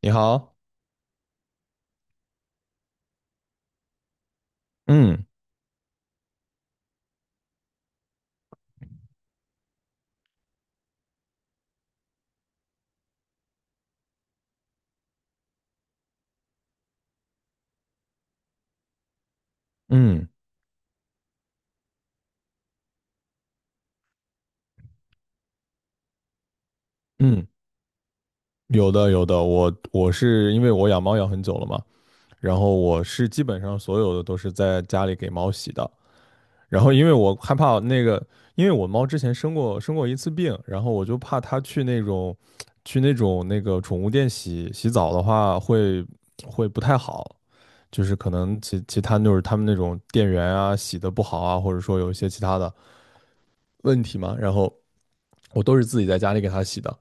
你好，嗯嗯嗯，有的有的，我是因为我养猫养很久了嘛，然后我是基本上所有的都是在家里给猫洗的。然后因为我害怕那个，因为我猫之前生过一次病，然后我就怕它去那种那个宠物店洗澡的话会不太好，就是可能其他就是他们那种店员啊洗的不好啊，或者说有一些其他的问题嘛，然后我都是自己在家里给它洗的。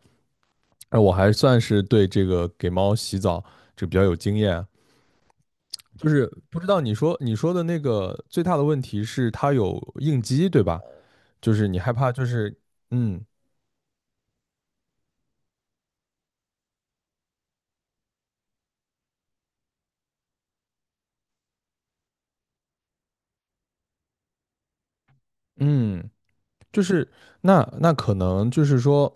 那我还算是对这个给猫洗澡这比较有经验，就是不知道你说的那个最大的问题是它有应激，对吧？就是你害怕，就是嗯嗯，就是那可能就是说，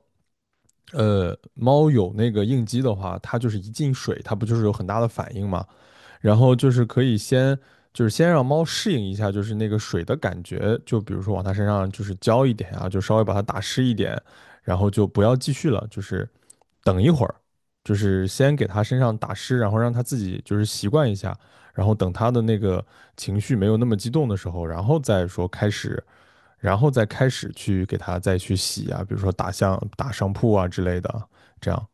猫有那个应激的话，它就是一进水，它不就是有很大的反应吗？然后就是可以先就是先让猫适应一下，就是那个水的感觉，就比如说往它身上就是浇一点啊，就稍微把它打湿一点，然后就不要继续了，就是等一会儿，就是先给它身上打湿，然后让它自己就是习惯一下，然后等它的那个情绪没有那么激动的时候，然后再说开始，然后再开始去给它再去洗啊，比如说打像打上铺啊之类的，这样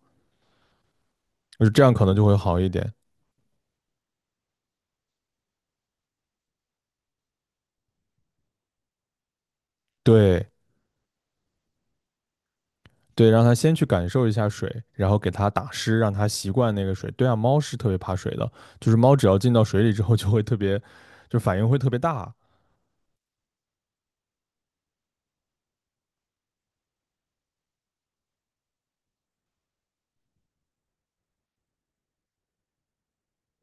就是这样可能就会好一点。对。对，让它先去感受一下水，然后给它打湿，让它习惯那个水。对啊，猫是特别怕水的，就是猫只要进到水里之后就会特别，就反应会特别大。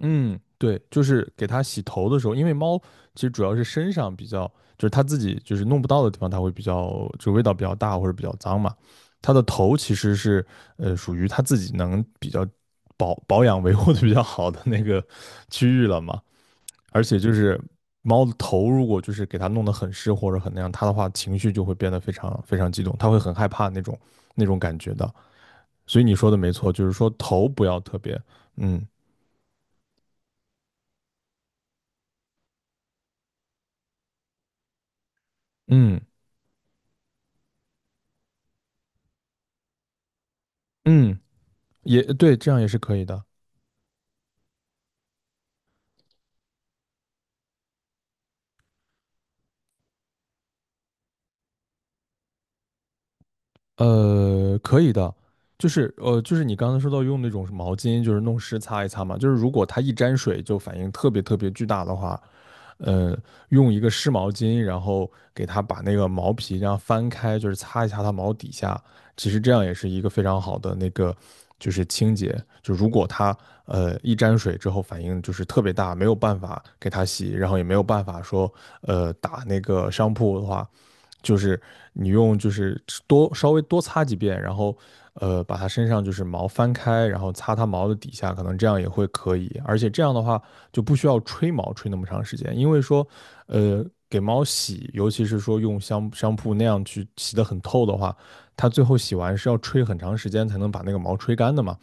嗯，对，就是给它洗头的时候，因为猫其实主要是身上比较，就是它自己就是弄不到的地方，它会比较就味道比较大或者比较脏嘛。它的头其实是属于它自己能比较保养维护的比较好的那个区域了嘛。而且就是猫的头，如果就是给它弄得很湿或者很那样，它的话情绪就会变得非常非常激动，它会很害怕那种感觉的。所以你说的没错，就是说头不要特别，嗯嗯嗯，也对，这样也是可以的。可以的。就是就是你刚才说到用那种毛巾，就是弄湿擦一擦嘛。就是如果它一沾水就反应特别特别巨大的话，呃，用一个湿毛巾，然后给它把那个毛皮这样翻开，就是擦一下它毛底下。其实这样也是一个非常好的那个，就是清洁。就如果它一沾水之后反应就是特别大，没有办法给它洗，然后也没有办法说打那个商铺的话，就是你用就是多稍微多擦几遍，然后把它身上就是毛翻开，然后擦它毛的底下，可能这样也会可以。而且这样的话就不需要吹毛吹那么长时间，因为说给猫洗，尤其是说用香香铺那样去洗得很透的话，它最后洗完是要吹很长时间才能把那个毛吹干的嘛。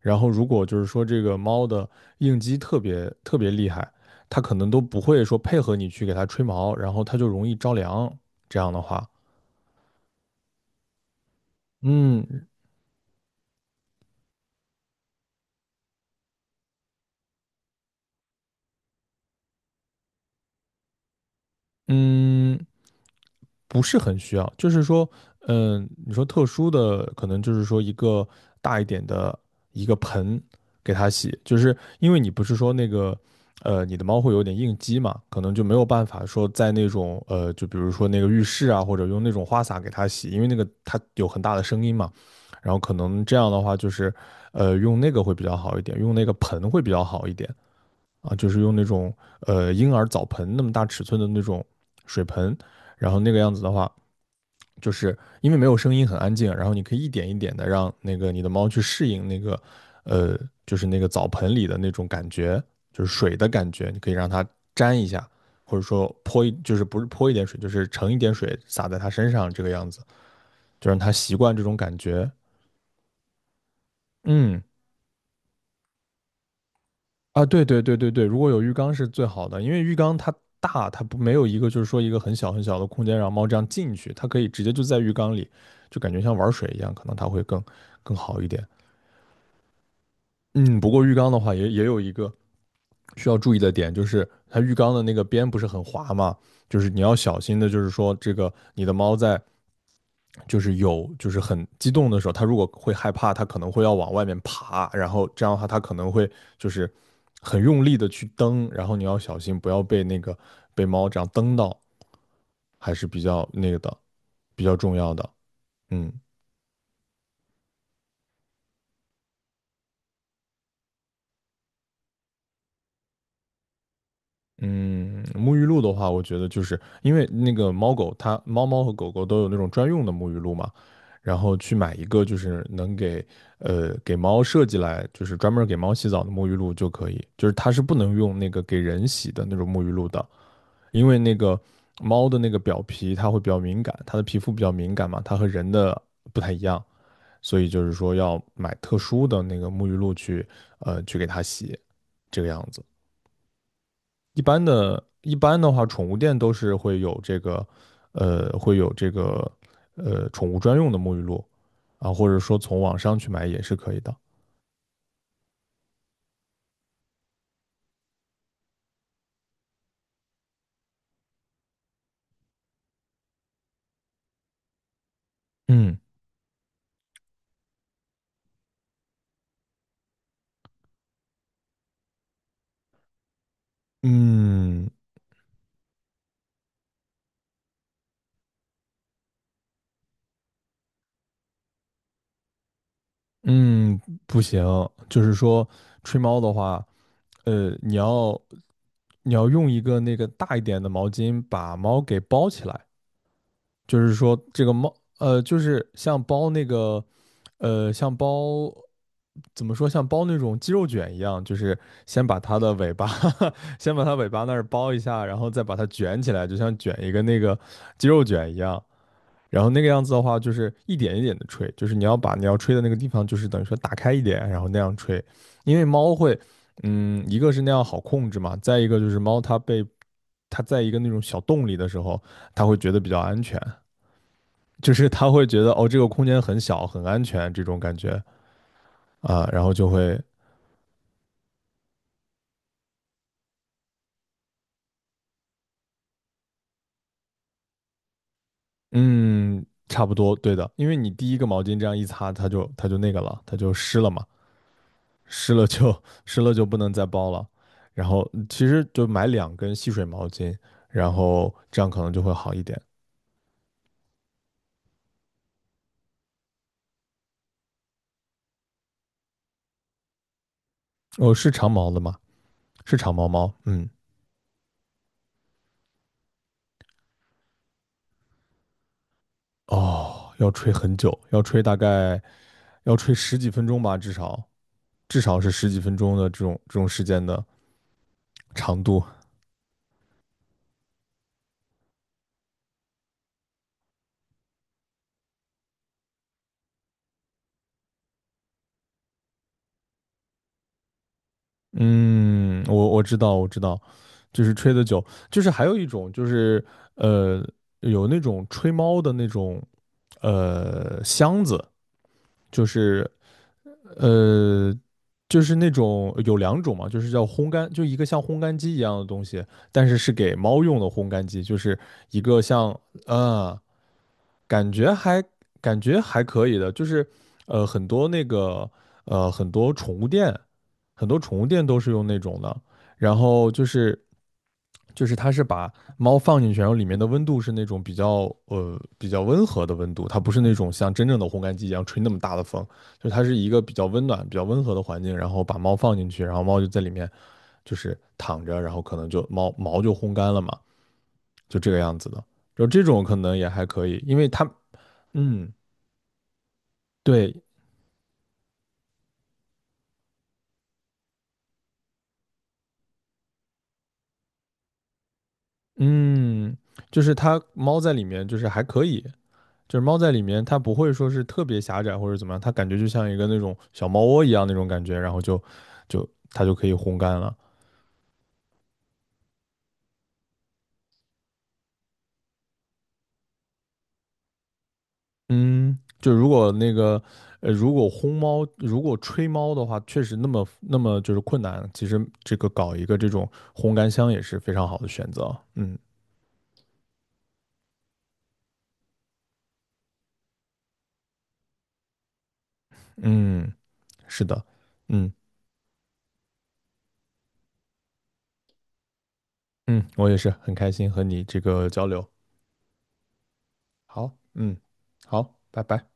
然后如果就是说这个猫的应激特别特别厉害，它可能都不会说配合你去给它吹毛，然后它就容易着凉。这样的话，嗯嗯，不是很需要，就是说，你说特殊的，可能就是说一个大一点的一个盆给它洗，就是因为你不是说那个，你的猫会有点应激嘛，可能就没有办法说在那种，就比如说那个浴室啊，或者用那种花洒给它洗，因为那个它有很大的声音嘛，然后可能这样的话就是，用那个会比较好一点，用那个盆会比较好一点，啊，就是用那种婴儿澡盆那么大尺寸的那种水盆，然后那个样子的话，就是因为没有声音，很安静，然后你可以一点一点的让那个你的猫去适应那个呃，就是那个澡盆里的那种感觉，就是水的感觉，你可以让它沾一下，或者说就是不是泼一点水，就是盛一点水洒在它身上这个样子，就让它习惯这种感觉。嗯，啊，对对对对对，如果有浴缸是最好的，因为浴缸它大，它不没有一个就是说一个很小很小的空间让猫这样进去，它可以直接就在浴缸里，就感觉像玩水一样，可能它会更好一点。嗯，不过浴缸的话也有一个需要注意的点，就是它浴缸的那个边不是很滑嘛，就是你要小心的，就是说这个你的猫在就是有就是很激动的时候，他如果会害怕，他可能会要往外面爬，然后这样的话他可能会就是很用力的去蹬，然后你要小心不要被那个被猫这样蹬到，还是比较那个的，比较重要的。嗯，嗯，沐浴露的话，我觉得就是因为那个猫猫和狗狗都有那种专用的沐浴露嘛，然后去买一个就是能给给猫设计来就是专门给猫洗澡的沐浴露就可以，就是它是不能用那个给人洗的那种沐浴露的，因为那个猫的那个表皮它会比较敏感，它的皮肤比较敏感嘛，它和人的不太一样，所以就是说要买特殊的那个沐浴露去去给它洗，这个样子。一般的，一般的话，宠物店都是会有这个，会有这个，宠物专用的沐浴露啊，或者说从网上去买也是可以的。嗯嗯嗯，不行，就是说吹猫的话，呃，你要你要用一个那个大一点的毛巾把猫给包起来，就是说这个猫，就是像包那个，像包怎么说，像包那种鸡肉卷一样，就是先把它的尾巴，先把它尾巴那儿包一下，然后再把它卷起来，就像卷一个那个鸡肉卷一样。然后那个样子的话，就是一点一点的吹，就是你要吹的那个地方，就是等于说打开一点，然后那样吹。因为猫会，一个是那样好控制嘛，再一个就是猫它在一个那种小洞里的时候，它会觉得比较安全。就是他会觉得哦，这个空间很小，很安全这种感觉啊，然后就会。嗯，差不多对的，因为你第一个毛巾这样一擦，它就那个了，它就湿了嘛，湿了就不能再包了，然后其实就买两根吸水毛巾，然后这样可能就会好一点。哦，是长毛的吗？是长毛猫。嗯，哦，要吹很久，要吹大概要吹十几分钟吧，至少是十几分钟的这种时间的长度。嗯，我知道，我知道，就是吹的久，就是还有一种就是呃，有那种吹猫的那种箱子，就是呃，就是那种有两种嘛，就是叫烘干，就一个像烘干机一样的东西，但是是给猫用的烘干机，就是一个像啊，感觉还感觉还可以的，就是很多那个很多宠物店，很多宠物店都是用那种的，然后就是它是把猫放进去，然后里面的温度是那种比较比较温和的温度，它不是那种像真正的烘干机一样吹那么大的风，就是它是一个比较温暖、比较温和的环境，然后把猫放进去，然后猫就在里面就是躺着，然后可能就猫毛就烘干了嘛，就这个样子的。就这种可能也还可以，因为它，嗯，对，嗯，就是它猫在里面就是还可以，就是猫在里面它不会说是特别狭窄或者怎么样，它感觉就像一个那种小猫窝一样那种感觉，然后它就可以烘干了。嗯，就如果那个，如果吹猫的话，确实那么就是困难。其实这个搞一个这种烘干箱也是非常好的选择。嗯嗯，是的，嗯嗯，我也是很开心和你这个交流。好，嗯，好，拜拜。